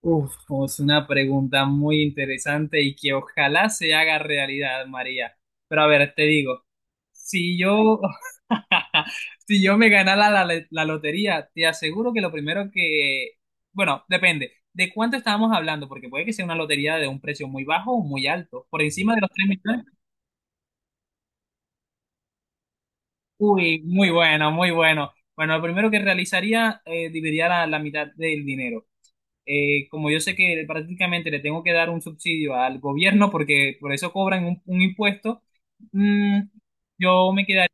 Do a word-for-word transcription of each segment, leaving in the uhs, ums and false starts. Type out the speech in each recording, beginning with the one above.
Uf, es una pregunta muy interesante y que ojalá se haga realidad, María. Pero a ver, te digo, si yo, si yo me ganara la, la- la lotería, te aseguro que lo primero que, bueno, depende de cuánto estábamos hablando, porque puede que sea una lotería de un precio muy bajo o muy alto, por encima de los tres millones. Uy, muy bueno, muy bueno. Bueno, lo primero que realizaría, eh, dividiría la, la mitad del dinero. Eh, como yo sé que prácticamente le tengo que dar un subsidio al gobierno porque por eso cobran un, un impuesto. Mm, yo me quedé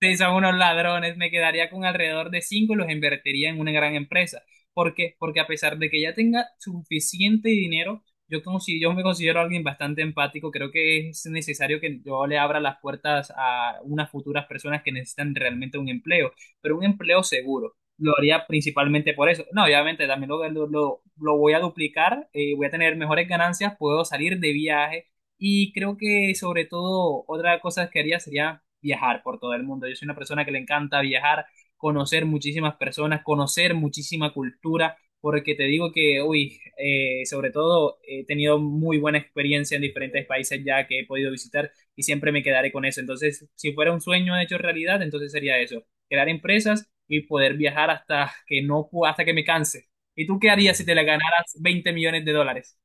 Sí, son unos ladrones. Me quedaría con alrededor de cinco y los invertiría en una gran empresa. ¿Por qué? Porque a pesar de que ya tenga suficiente dinero, yo, como si yo me considero alguien bastante empático. Creo que es necesario que yo le abra las puertas a unas futuras personas que necesitan realmente un empleo, pero un empleo seguro. Lo haría principalmente por eso. No, obviamente también lo, lo, lo- lo voy a duplicar, eh, voy a tener mejores ganancias, puedo salir de viaje y creo que sobre todo otra cosa que haría sería viajar por todo el mundo. Yo soy una persona que le encanta viajar, conocer muchísimas personas, conocer muchísima cultura, porque te digo que, uy, eh, sobre todo he tenido muy buena experiencia en diferentes países ya que he podido visitar y siempre me quedaré con eso. Entonces, si fuera un sueño hecho realidad, entonces sería eso, crear empresas y poder viajar hasta que no, pu- hasta que me canse. ¿Y tú qué harías si te la ganaras veinte millones de dólares?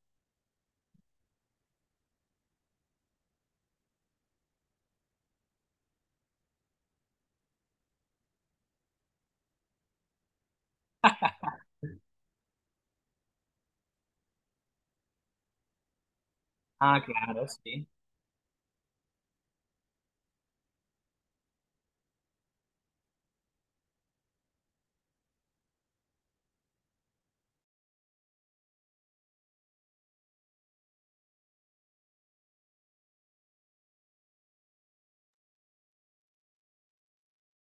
Ah, claro, sí.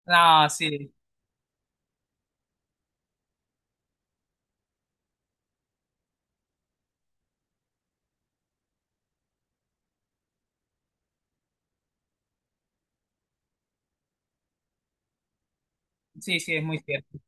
Ah, sí, sí, sí, es muy cierto.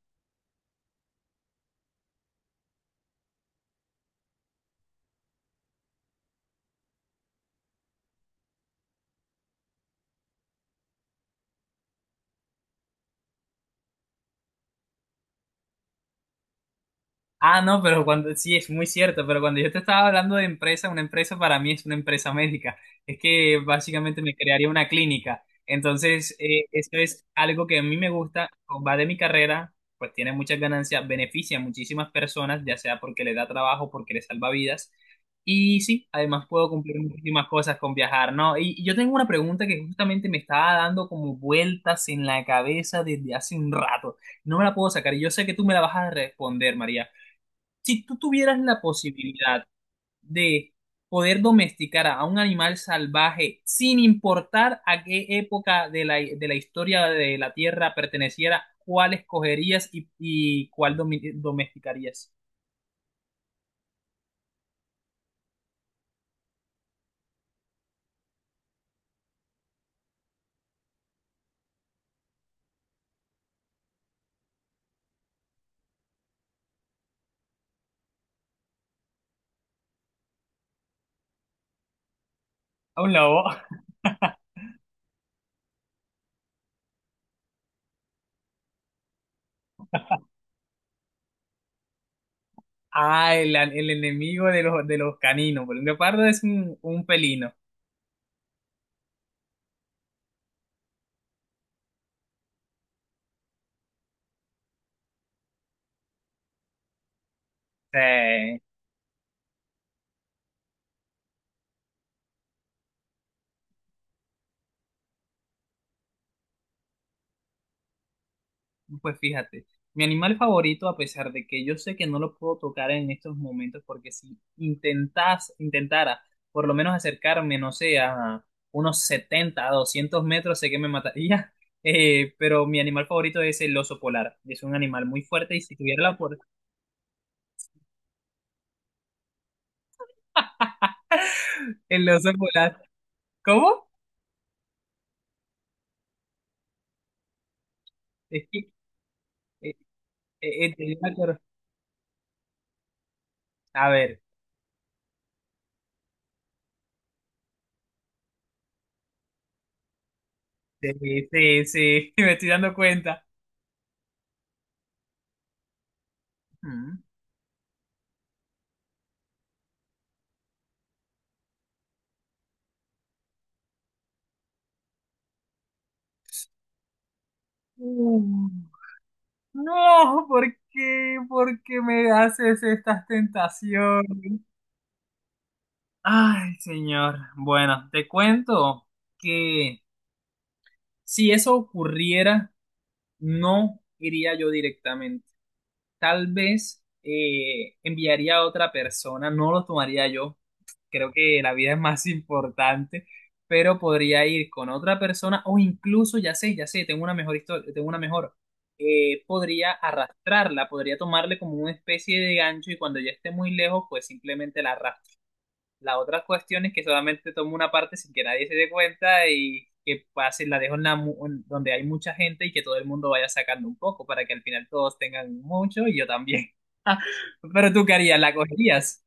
Ah, no, pero cuando, sí, es muy cierto, pero cuando yo te estaba hablando de empresa, una empresa para mí es una empresa médica. Es que básicamente me crearía una clínica. Entonces, eh, eso es algo que a mí me gusta, va de mi carrera, pues tiene muchas ganancias, beneficia a muchísimas personas, ya sea porque le da trabajo, porque le salva vidas. Y sí, además puedo cumplir muchísimas cosas con viajar, ¿no? Y, y yo tengo una pregunta que justamente me estaba dando como vueltas en la cabeza desde hace un rato. No me la puedo sacar y yo sé que tú me la vas a responder, María. Si tú tuvieras la posibilidad de poder domesticar a un animal salvaje sin importar a qué época de la, de la historia de la Tierra perteneciera, ¿cuál escogerías y, y cuál domi- domesticarías? A un lobo. Ah, el, el enemigo de los, de los caninos. Porque un guepardo es un, un pelino. Sí. Pues fíjate, mi animal favorito, a pesar de que yo sé que no lo puedo tocar en estos momentos, porque si intentas, intentara por lo menos acercarme, no sé, a unos setenta a doscientos metros, sé que me mataría. Eh, pero mi animal favorito es el oso polar. Es un animal muy fuerte y si tuviera la por el oso polar. ¿Cómo? Es que, eh, eh, eh, me acuerdo. A ver, sí, sí, sí, me estoy dando cuenta. Ujú. No, ¿por qué? ¿Por qué me haces estas tentaciones? Ay, señor. Bueno, te cuento que si eso ocurriera, no iría yo directamente. Tal vez eh, enviaría a otra persona, no lo tomaría yo. Creo que la vida es más importante, pero podría ir con otra persona o incluso, ya sé, ya sé, tengo una mejor historia, tengo una mejor, eh, podría arrastrarla, podría tomarle como una especie de gancho y cuando ya esté muy lejos, pues simplemente la arrastro. La otra cuestión es que solamente tomo una parte sin que nadie se dé cuenta y que pase, la dejo en la mu- en donde hay mucha gente y que todo el mundo vaya sacando un poco para que al final todos tengan mucho y yo también. Pero tú qué harías, ¿la cogerías?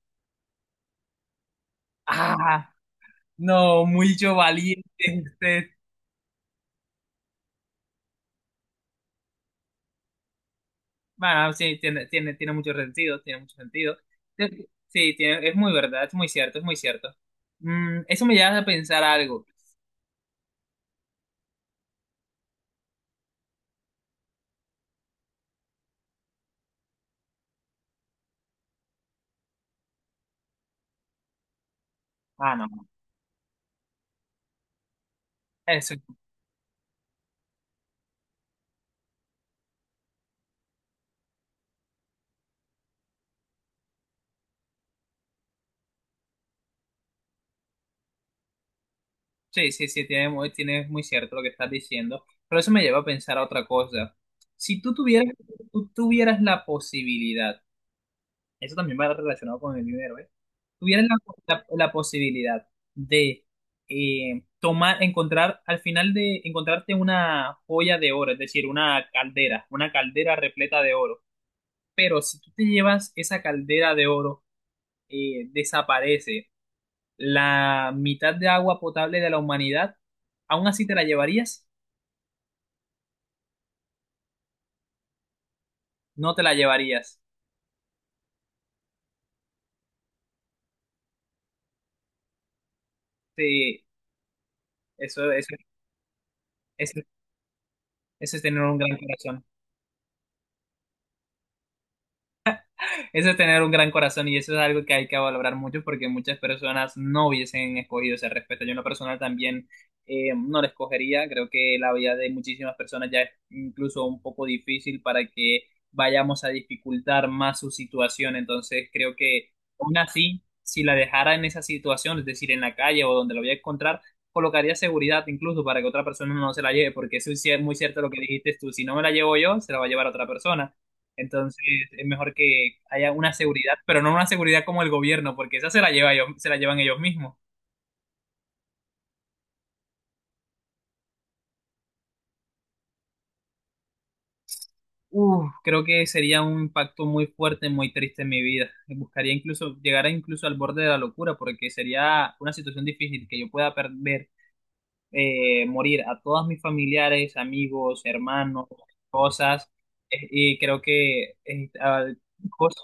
Ah. No, mucho valiente usted. Bueno, sí, tiene, tiene, tiene mucho sentido, tiene mucho sentido. Sí, tiene- es muy verdad, es muy cierto, es muy cierto. Mm, eso me lleva a pensar algo. Ah, no, no, Eso, no. Sí, sí, sí, tiene, muy- tiene muy cierto lo que estás diciendo. Pero eso me lleva a pensar a otra cosa. Si tú tuvieras, tú tuvieras la posibilidad, eso también va relacionado con el dinero, ¿eh? Tuvieran la, la- la posibilidad de eh, tomar, encontrar, al final de encontrarte una joya de oro, es decir, una caldera, una caldera repleta de oro. Pero si tú te llevas esa caldera de oro, eh, desaparece la mitad de agua potable de la humanidad, ¿aún así te la llevarías? No te la llevarías. Sí, eso, eso, eso, eso es tener un gran corazón. Eso es tener un gran corazón y eso es algo que hay que valorar mucho porque muchas personas no hubiesen escogido ese respeto. Yo en lo personal también eh, no lo escogería. Creo que la vida de muchísimas personas ya es incluso un poco difícil para que vayamos a dificultar más su situación. Entonces creo que aún así, si la dejara en esa situación, es decir, en la calle o donde la voy a encontrar, colocaría seguridad incluso para que otra persona no se la lleve, porque eso es cier- muy cierto lo que dijiste tú, si no me la llevo yo, se la va a llevar otra persona. Entonces es mejor que haya una seguridad, pero no una seguridad como el gobierno, porque esa se la lleva ellos, se la llevan ellos mismos. Uf, creo que sería un impacto muy fuerte, muy triste en mi vida. Buscaría incluso llegar a incluso al borde de la locura, porque sería una situación difícil que yo pueda perder, eh, morir a todos mis familiares, amigos, hermanos, cosas. Eh, y creo que eh, al- cosas,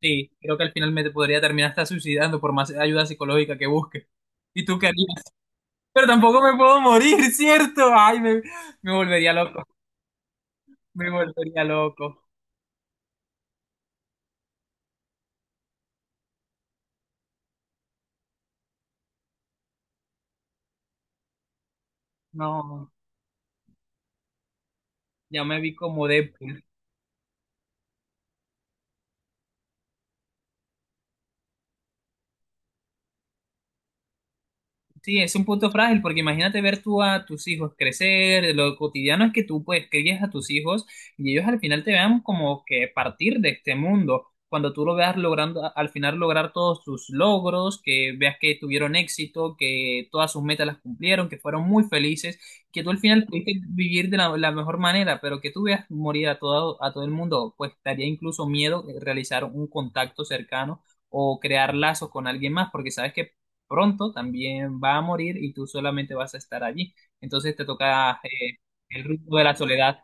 sí, creo que al final me podría terminar hasta suicidando por más ayuda psicológica que busque. ¿Y tú qué harías? Pero tampoco me puedo morir, ¿cierto? Ay, me, me volvería loco. Me volvería loco. No, ya me vi como Deadpool. Sí, es un punto frágil porque imagínate ver tú a tus hijos crecer, lo cotidiano es que tú pues crías a tus hijos y ellos al final te vean como que partir de este mundo, cuando tú lo veas logrando al final lograr todos sus logros, que veas que tuvieron éxito, que todas sus metas las cumplieron, que fueron muy felices, que tú al final pudiste vivir de la, la mejor manera, pero que tú veas morir a todo, a todo el mundo, pues daría incluso miedo realizar un contacto cercano o crear lazos con alguien más, porque sabes que pronto también va a morir y tú solamente vas a estar allí. Entonces te toca eh, el ritmo de la soledad.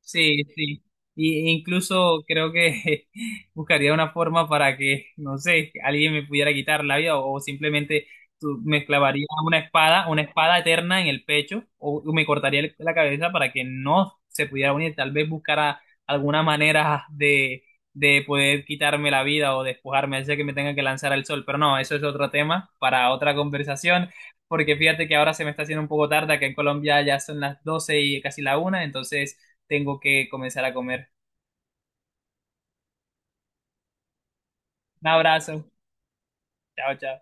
Sí, sí. Y incluso creo que buscaría una forma para que, no sé, alguien me pudiera quitar la vida o, o simplemente tú- me clavaría una espada, una espada eterna en el pecho o me cortaría el- la cabeza para que no se pudiera unir. Tal vez buscara alguna manera de, de poder quitarme la vida o despojarme, hacer que me tenga que lanzar al sol. Pero no, eso es otro tema para otra conversación. Porque fíjate que ahora se me está haciendo un poco tarde, acá en Colombia ya son las doce y casi la una, entonces tengo que comenzar a comer. Un abrazo. Chao, chao.